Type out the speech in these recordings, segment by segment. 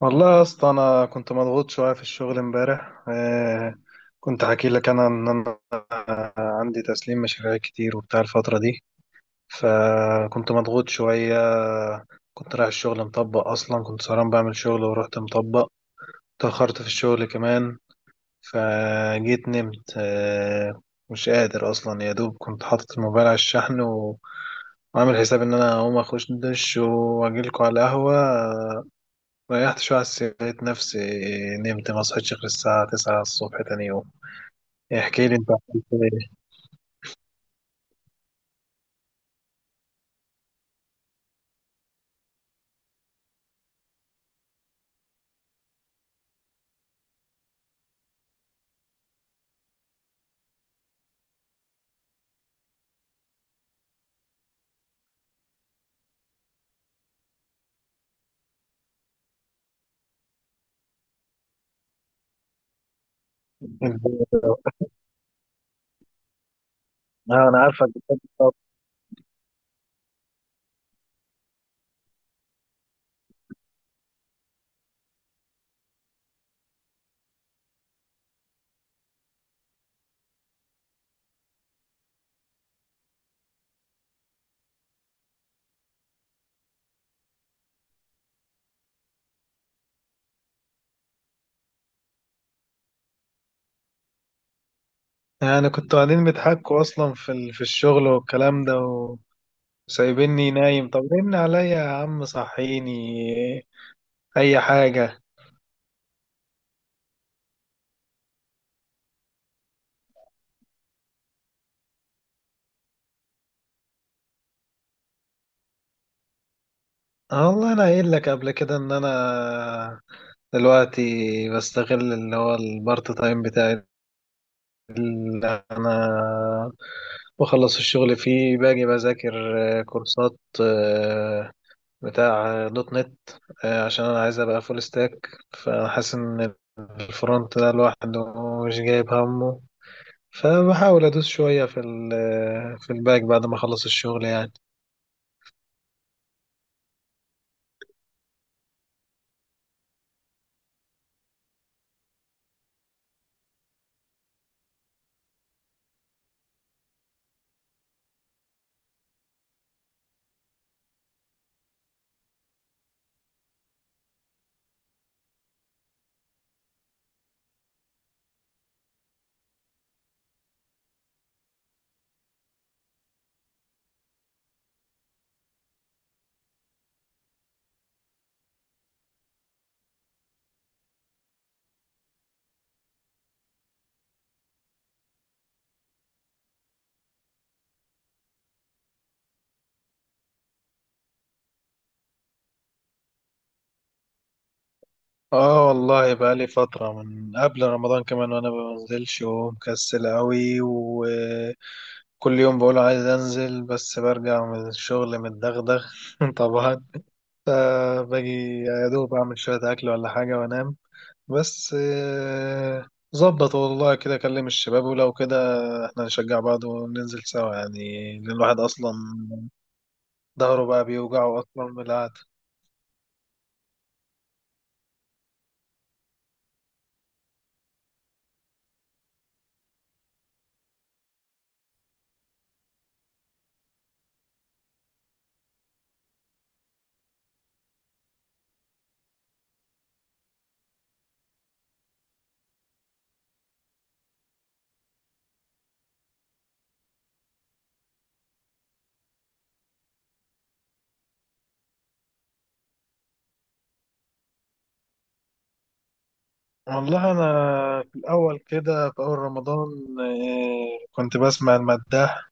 والله يا اسطى، انا كنت مضغوط شويه في الشغل امبارح. كنت حكي لك انا عندي تسليم مشاريع كتير وبتاع الفتره دي، فكنت مضغوط شويه. كنت رايح الشغل مطبق، اصلا كنت سهران بعمل شغل ورحت مطبق، اتاخرت في الشغل كمان. فجيت نمت. مش قادر اصلا، يا دوب كنت حاطط الموبايل على الشحن وعامل حساب ان انا هقوم اخش دش واجيلكوا على القهوه. ريحت شوية على السرير، لقيت نفسي نمت، ما صحيتش غير الساعة 9 الصبح تاني يوم. إيه، احكي لي انت عملت ايه. انت- اه، انا عارفك بتحب الطبخ. يعني كنتوا قاعدين بيضحكوا اصلا في الشغل والكلام ده وسايبيني نايم؟ طب رن عليا يا عم صحيني، اي حاجة. اه والله انا قايل لك قبل كده ان انا دلوقتي بستغل اللي هو البارت تايم بتاعي، اللي انا بخلص الشغل فيه باجي بذاكر كورسات، بتاع دوت نت، عشان انا عايز ابقى فول ستاك. فانا حاسس ان الفرونت ده لوحده مش جايب همه، فبحاول ادوس شوية في ال آه، في الباك بعد ما اخلص الشغل يعني. اه والله بقى لي فترة من قبل رمضان كمان، وانا ما بنزلش ومكسل قوي، وكل يوم بقول عايز انزل بس برجع من الشغل متدغدغ. طبعا، فباجي يا دوب أعمل شوية أكل ولا حاجة وأنام. بس ظبط والله كده أكلم الشباب، ولو كده إحنا نشجع بعض وننزل سوا يعني، لأن الواحد أصلا ظهره بقى بيوجعه أصلا من القعدة. والله أنا في الأول كده في أول رمضان كنت بسمع المداح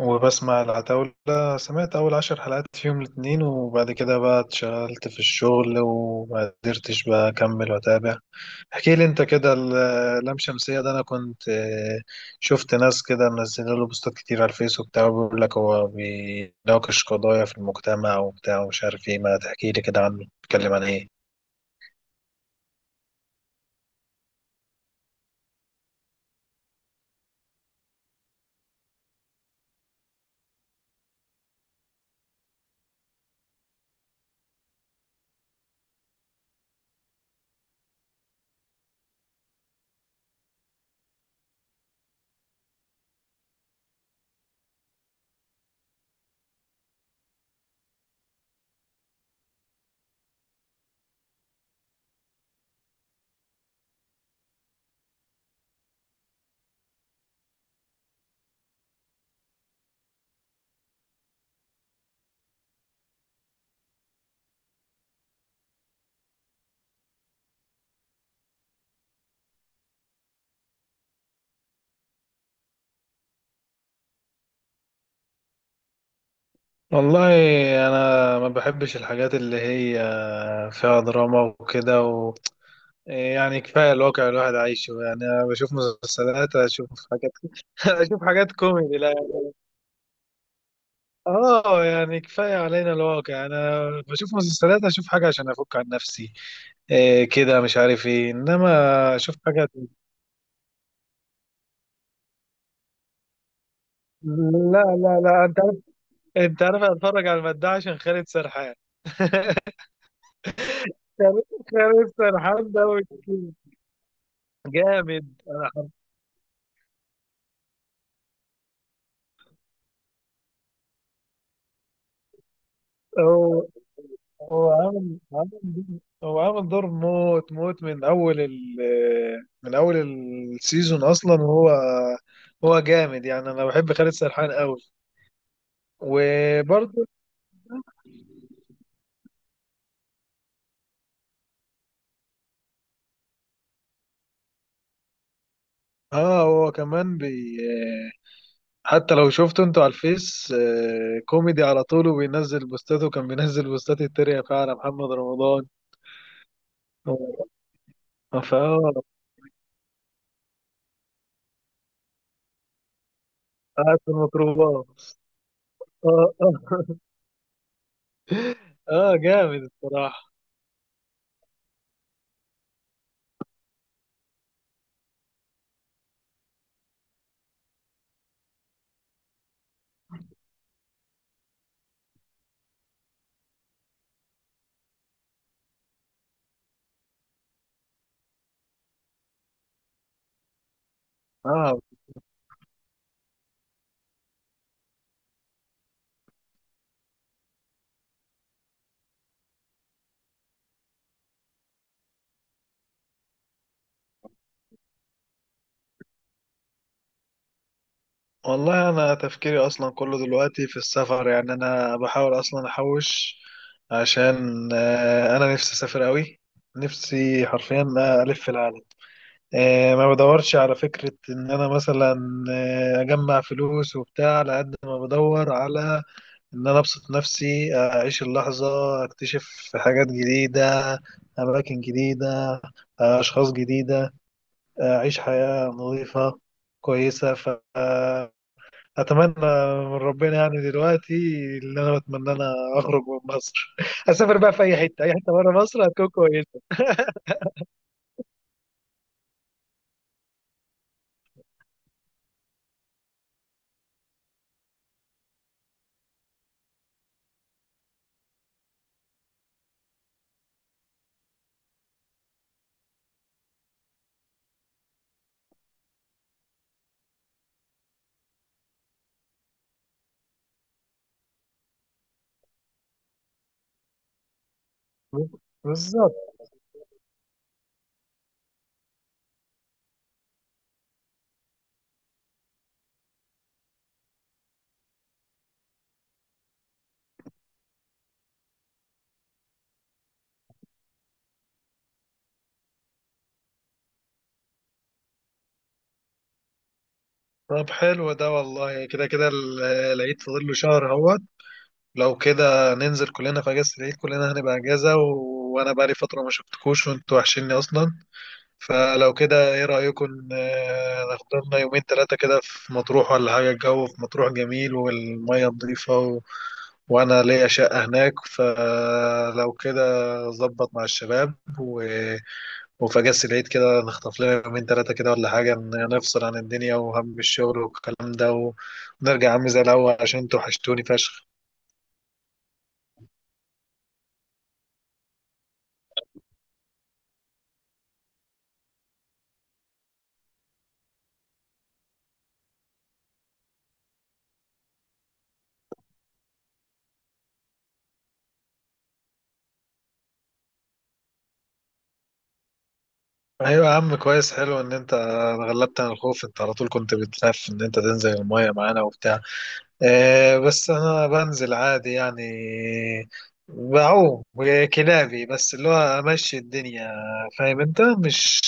وبسمع العتاولة. سمعت أول 10 حلقات في يوم الاتنين، وبعد كده بقى اتشغلت في الشغل وما قدرتش بقى أكمل وأتابع. احكي لي انت كده، اللام شمسية ده انا كنت شفت ناس كده منزله له بوستات كتير على الفيس وبتاع، بيقول لك هو بيناقش قضايا في المجتمع وبتاع، ومش عارف ايه، ما تحكي لي كده عنه، بيتكلم عن ايه؟ والله انا ما بحبش الحاجات اللي هي فيها دراما وكده يعني كفايه الواقع اللي الواحد عايشه. يعني انا بشوف مسلسلات، اشوف حاجات، اشوف حاجات كوميدي، لا. اه، يعني كفايه علينا الواقع، انا بشوف مسلسلات اشوف حاجه عشان افك عن نفسي، إيه كده مش عارف ايه، انما اشوف حاجه. لا، لا، لا، انت عارف، اتفرج على المداح عشان خالد سرحان. خالد سرحان ده وكيل. جامد. هو هو عامل عامل هو عامل دور موت موت من اول السيزون اصلا، وهو جامد يعني، انا بحب خالد سرحان قوي. وبرضه اه، هو كمان، حتى لو شفته انتوا على الفيس كوميدي على طول، وبينزل بوستاته، وكان بينزل بوستات التريقة فعلا محمد رمضان. اه فاه قاعد في الميكروباص. اه، اه، اه، جامد الصراحة. اه والله انا تفكيري اصلا كله دلوقتي في السفر يعني، انا بحاول اصلا احوش عشان انا نفسي اسافر قوي، نفسي حرفيا الف العالم. ما بدورش على فكرة إن أنا مثلا أجمع فلوس وبتاع، على قد ما بدور على إن أنا أبسط نفسي أعيش اللحظة، أكتشف حاجات جديدة، أماكن جديدة، أشخاص جديدة، أعيش حياة نظيفة كويسة. فأتمنى من ربنا يعني دلوقتي، اللي أنا بتمنى أنا أخرج من مصر، أسافر بقى في أي حتة، أي حتة بره مصر هتكون كويسة. بالظبط. طب حلو ده، والله كده كده العيد فاضل له شهر اهوت. لو كده ننزل كلنا في اجازة العيد، كلنا هنبقى اجازة، وانا بقالي فترة ما شفتكوش وانتوا وحشيني اصلا. فلو كده ايه رأيكم، ناخد لنا يومين ثلاثة كده في مطروح ولا حاجة، الجو في مطروح جميل والمية نظيفة، وانا ليا شقة هناك. فلو كده ظبط مع الشباب، و وفجأة العيد كده نخطف لنا يومين تلاتة كده ولا حاجة، نفصل عن الدنيا وهم الشغل والكلام ده ونرجع يا عم زي الأول عشان انتوا وحشتوني فشخ. أيوة يا عم، كويس، حلو إن أنت غلبت عن الخوف. أنت على طول كنت بتخاف إن أنت تنزل المية معانا وبتاع. بس أنا بنزل عادي يعني، بعوم كلابي، بس اللي هو أمشي الدنيا، فاهم أنت مش